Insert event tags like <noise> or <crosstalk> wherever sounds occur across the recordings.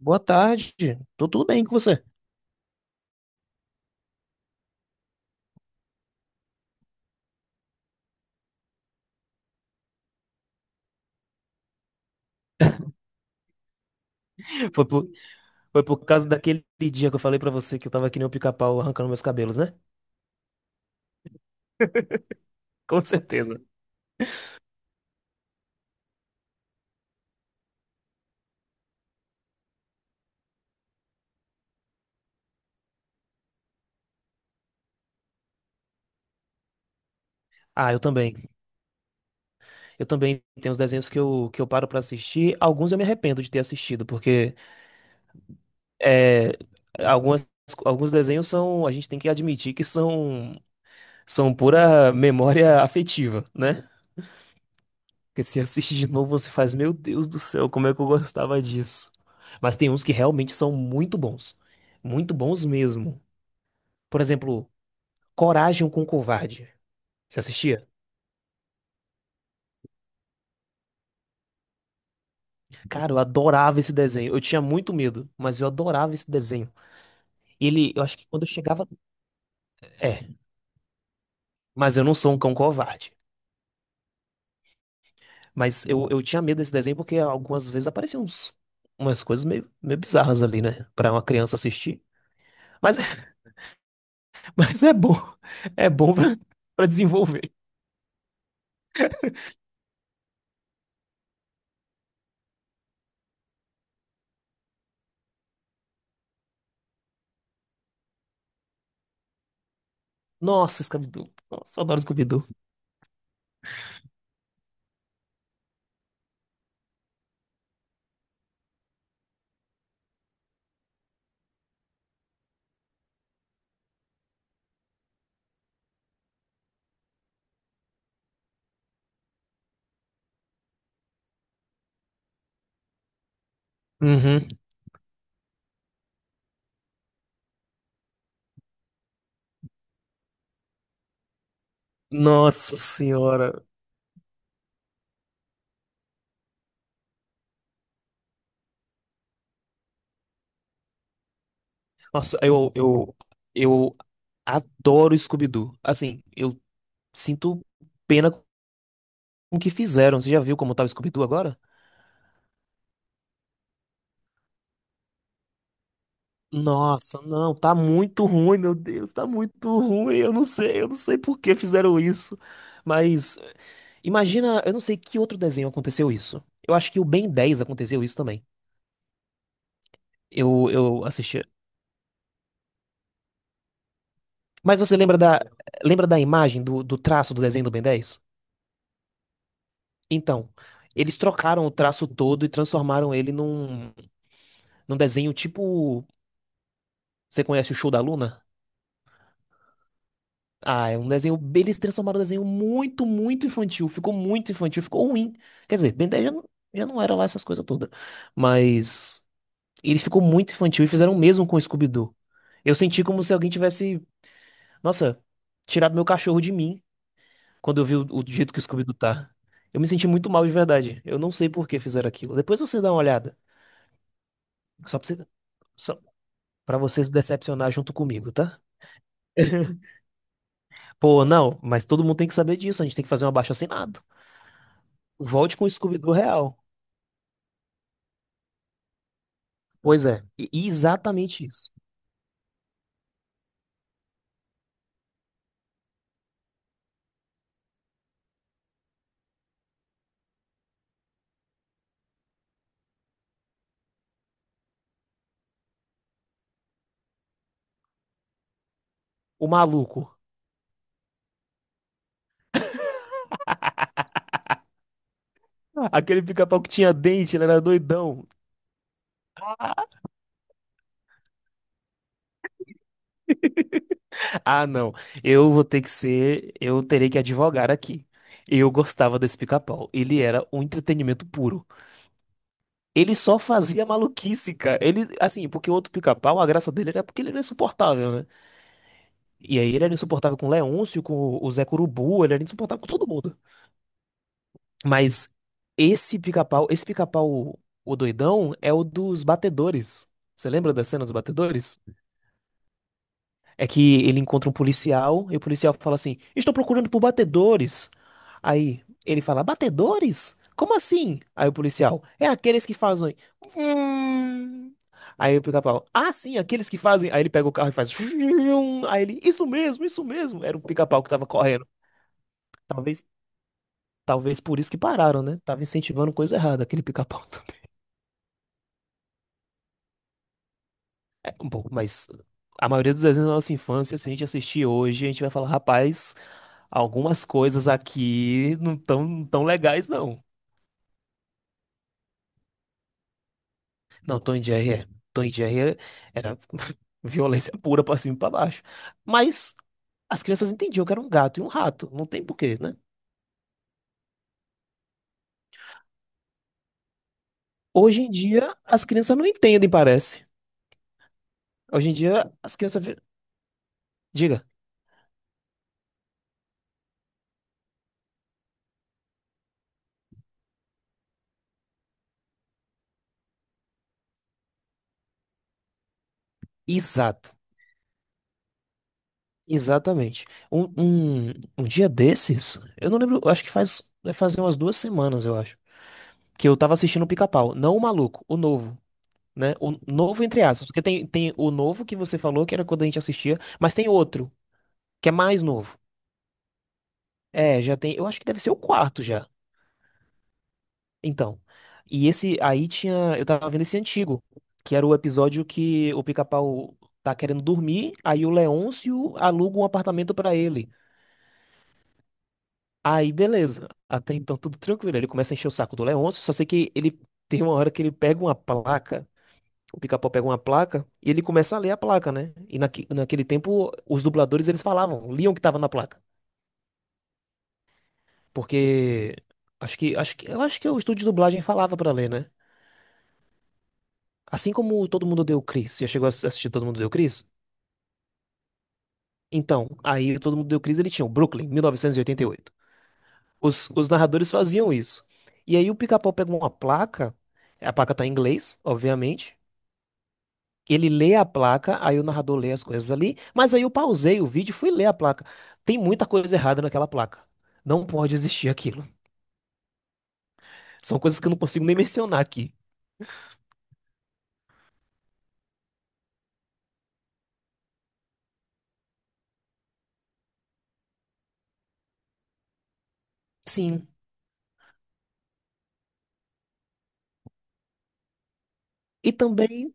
Boa tarde. Tô tudo bem com você? Foi por, foi por causa daquele dia que eu falei pra você que eu tava que nem um pica-pau arrancando meus cabelos, né? <laughs> Com certeza. Ah, eu também. Eu também tenho uns desenhos que eu paro pra assistir. Alguns eu me arrependo de ter assistido, porque é, algumas, alguns desenhos são, a gente tem que admitir que são pura memória afetiva, né? Porque se assiste de novo, você faz, meu Deus do céu, como é que eu gostava disso? Mas tem uns que realmente são muito bons. Muito bons mesmo. Por exemplo, Coragem com o Covarde. Você assistia? Cara, eu adorava esse desenho. Eu tinha muito medo, mas eu adorava esse desenho. Ele, eu acho que quando eu chegava. É, mas eu não sou um cão covarde. Mas eu tinha medo desse desenho porque algumas vezes apareciam umas coisas meio bizarras ali, né? Pra uma criança assistir. Mas, <laughs> mas é bom. É bom pra desenvolver. Nossa, Scooby-Doo. Nossa, eu adoro Scooby-Doo. Uhum. Nossa senhora. Nossa, eu Adoro Scooby-Doo. Assim, eu sinto pena com o que fizeram. Você já viu como tá o Scooby-Doo agora? Nossa, não, tá muito ruim, meu Deus, tá muito ruim. Eu não sei por que fizeram isso. Mas imagina, eu não sei que outro desenho aconteceu isso. Eu acho que o Ben Dez aconteceu isso também. Eu assisti. Mas você lembra da imagem, do traço do desenho do Ben Dez? Então, eles trocaram o traço todo e transformaram ele num desenho tipo. Você conhece o Show da Luna? Ah, é um desenho. Eles transformaram um desenho muito, muito infantil. Ficou muito infantil, ficou ruim. Quer dizer, Ben 10 já não era lá essas coisas todas. Mas ele ficou muito infantil e fizeram o mesmo com o Scooby-Doo. Eu senti como se alguém tivesse, nossa, tirado meu cachorro de mim quando eu vi o jeito que o Scooby-Doo tá. Eu me senti muito mal de verdade. Eu não sei por que fizeram aquilo. Depois você dá uma olhada. Só pra você, só pra você se decepcionar junto comigo, tá? <laughs> Pô, não, mas todo mundo tem que saber disso. A gente tem que fazer um abaixo-assinado. Volte com o Scooby-Doo real. Pois é, e exatamente isso. O maluco. <laughs> Aquele pica-pau que tinha dente, ele era doidão. Ah, não. Eu vou ter que ser. Eu terei que advogar aqui. Eu gostava desse pica-pau. Ele era um entretenimento puro. Ele só fazia maluquice, cara. Ele, assim, porque o outro pica-pau, a graça dele era porque ele era insuportável, né? E aí ele era insuportável com o Leôncio, com o Zé Curubu, ele era insuportável com todo mundo. Mas esse pica-pau, o doidão, é o dos batedores. Você lembra da cena dos batedores? É que ele encontra um policial e o policial fala assim: estou procurando por batedores. Aí ele fala: batedores? Como assim? Aí o policial: é aqueles que fazem. "Hum." Aí o pica-pau: ah, sim, aqueles que fazem. Aí ele pega o carro e faz. Hum. Aí ele: isso mesmo, isso mesmo. Era um pica-pau que tava correndo. Talvez, talvez por isso que pararam, né? Tava incentivando coisa errada aquele pica-pau. Um pouco, mas a maioria dos desenhos da nossa infância, se a gente assistir hoje, a gente vai falar, rapaz, algumas coisas aqui tão legais, não. Não, Tom e Jerry, Tom e Jerry era <laughs> violência pura pra cima e pra baixo. Mas as crianças entendiam que era um gato e um rato, não tem porquê, né? Hoje em dia, as crianças não entendem, parece. Hoje em dia, as crianças... vi- Diga, exato, exatamente. Um dia desses, eu não lembro, eu acho que faz, vai fazer umas duas semanas, eu acho, que eu tava assistindo o Pica-Pau, não o maluco, o novo, né? O novo entre aspas, porque tem o novo que você falou, que era quando a gente assistia, mas tem outro, que é mais novo. É, já tem, eu acho que deve ser o quarto já. Então, e esse aí tinha, eu tava vendo esse antigo, que era o episódio que o Pica-Pau tá querendo dormir, aí o Leôncio aluga um apartamento pra ele. Aí, beleza. Até então, tudo tranquilo. Ele começa a encher o saco do Leôncio, só sei que ele tem uma hora que ele pega uma placa. O pica-pau pega uma placa e ele começa a ler a placa, né? E naquele tempo, os dubladores, eles falavam, liam o que tava na placa. Porque eu acho que o estúdio de dublagem falava pra ler, né? Assim como o Todo Mundo Deu Chris. Já chegou a assistir Todo Mundo Deu Chris? Então, aí o Todo Mundo Deu Chris, ele tinha o Brooklyn, 1988. Os narradores faziam isso. E aí o pica-pau pega uma placa, a placa tá em inglês, obviamente. Ele lê a placa, aí o narrador lê as coisas ali, mas aí eu pausei o vídeo e fui ler a placa. Tem muita coisa errada naquela placa. Não pode existir aquilo. São coisas que eu não consigo nem mencionar aqui. Sim. E também,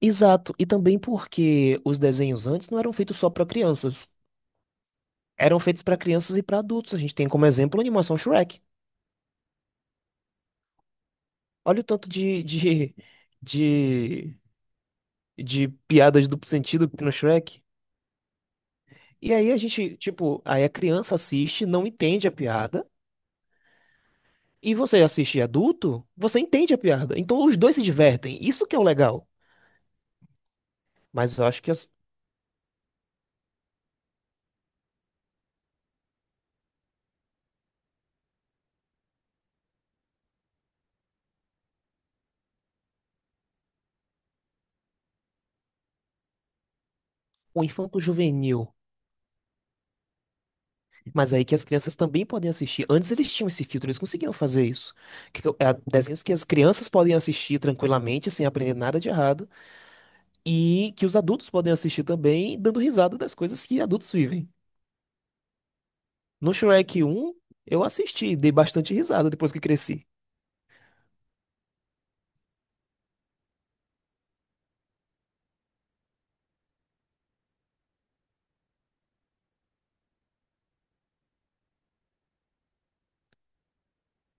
exato, e também porque os desenhos antes não eram feitos só para crianças. Eram feitos para crianças e para adultos. A gente tem como exemplo a animação Shrek. Olha o tanto de, de piada de duplo sentido que tem no Shrek. E aí a gente, tipo, aí a criança assiste, não entende a piada. E você assiste adulto, você entende a piada. Então os dois se divertem. Isso que é o legal. Mas eu acho que as- O infanto-juvenil. Mas aí que as crianças também podem assistir. Antes eles tinham esse filtro, eles conseguiam fazer isso. Que, é, desenhos que as crianças podem assistir tranquilamente, sem aprender nada de errado. E que os adultos podem assistir também, dando risada das coisas que adultos vivem. No Shrek um eu assisti, dei bastante risada depois que cresci.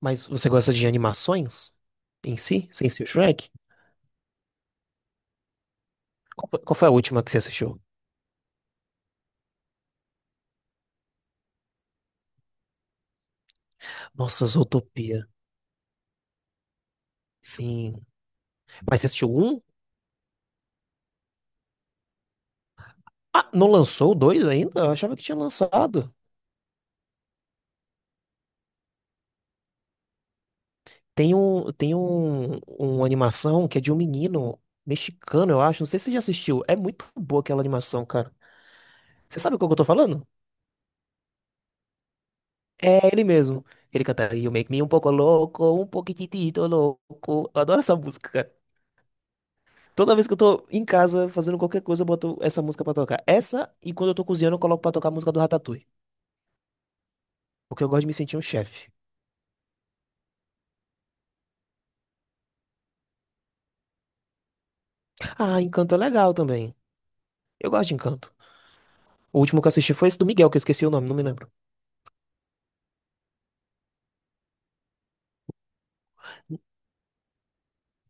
Mas você gosta de animações em si, sem ser o Shrek? Foi qual foi a última que você assistiu? Nossa, Zootopia. Sim. Mas você assistiu um? Ah, não lançou o dois ainda? Eu achava que tinha lançado. Tem um, uma animação que é de um menino mexicano, eu acho. Não sei se você já assistiu. É muito boa aquela animação, cara. Você sabe o que eu tô falando? É ele mesmo. Ele canta You Make Me Um Pouco Louco, Um Pouquitito Louco. Eu adoro essa música, cara. Toda vez que eu tô em casa fazendo qualquer coisa, eu boto essa música pra tocar. Essa, e quando eu tô cozinhando, eu coloco pra tocar a música do Ratatouille. Porque eu gosto de me sentir um chefe. Ah, Encanto é legal também. Eu gosto de Encanto. O último que eu assisti foi esse do Miguel, que eu esqueci o nome, não me lembro.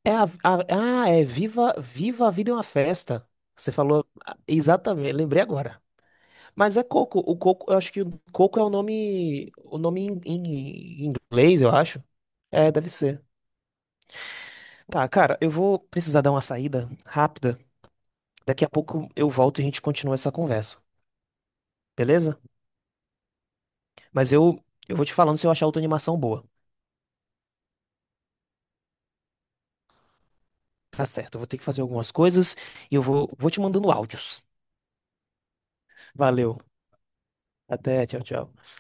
Viva a Vida é uma Festa. Você falou ah, exatamente, lembrei agora. Mas é coco. O coco, eu acho que o coco é o nome em inglês, eu acho. É, deve ser. Tá, cara, eu vou precisar dar uma saída rápida. Daqui a pouco eu volto e a gente continua essa conversa, beleza? Mas eu, eu vou te falando se eu achar outra animação boa. Tá certo, eu vou ter que fazer algumas coisas e vou te mandando áudios. Valeu. Até, tchau, tchau.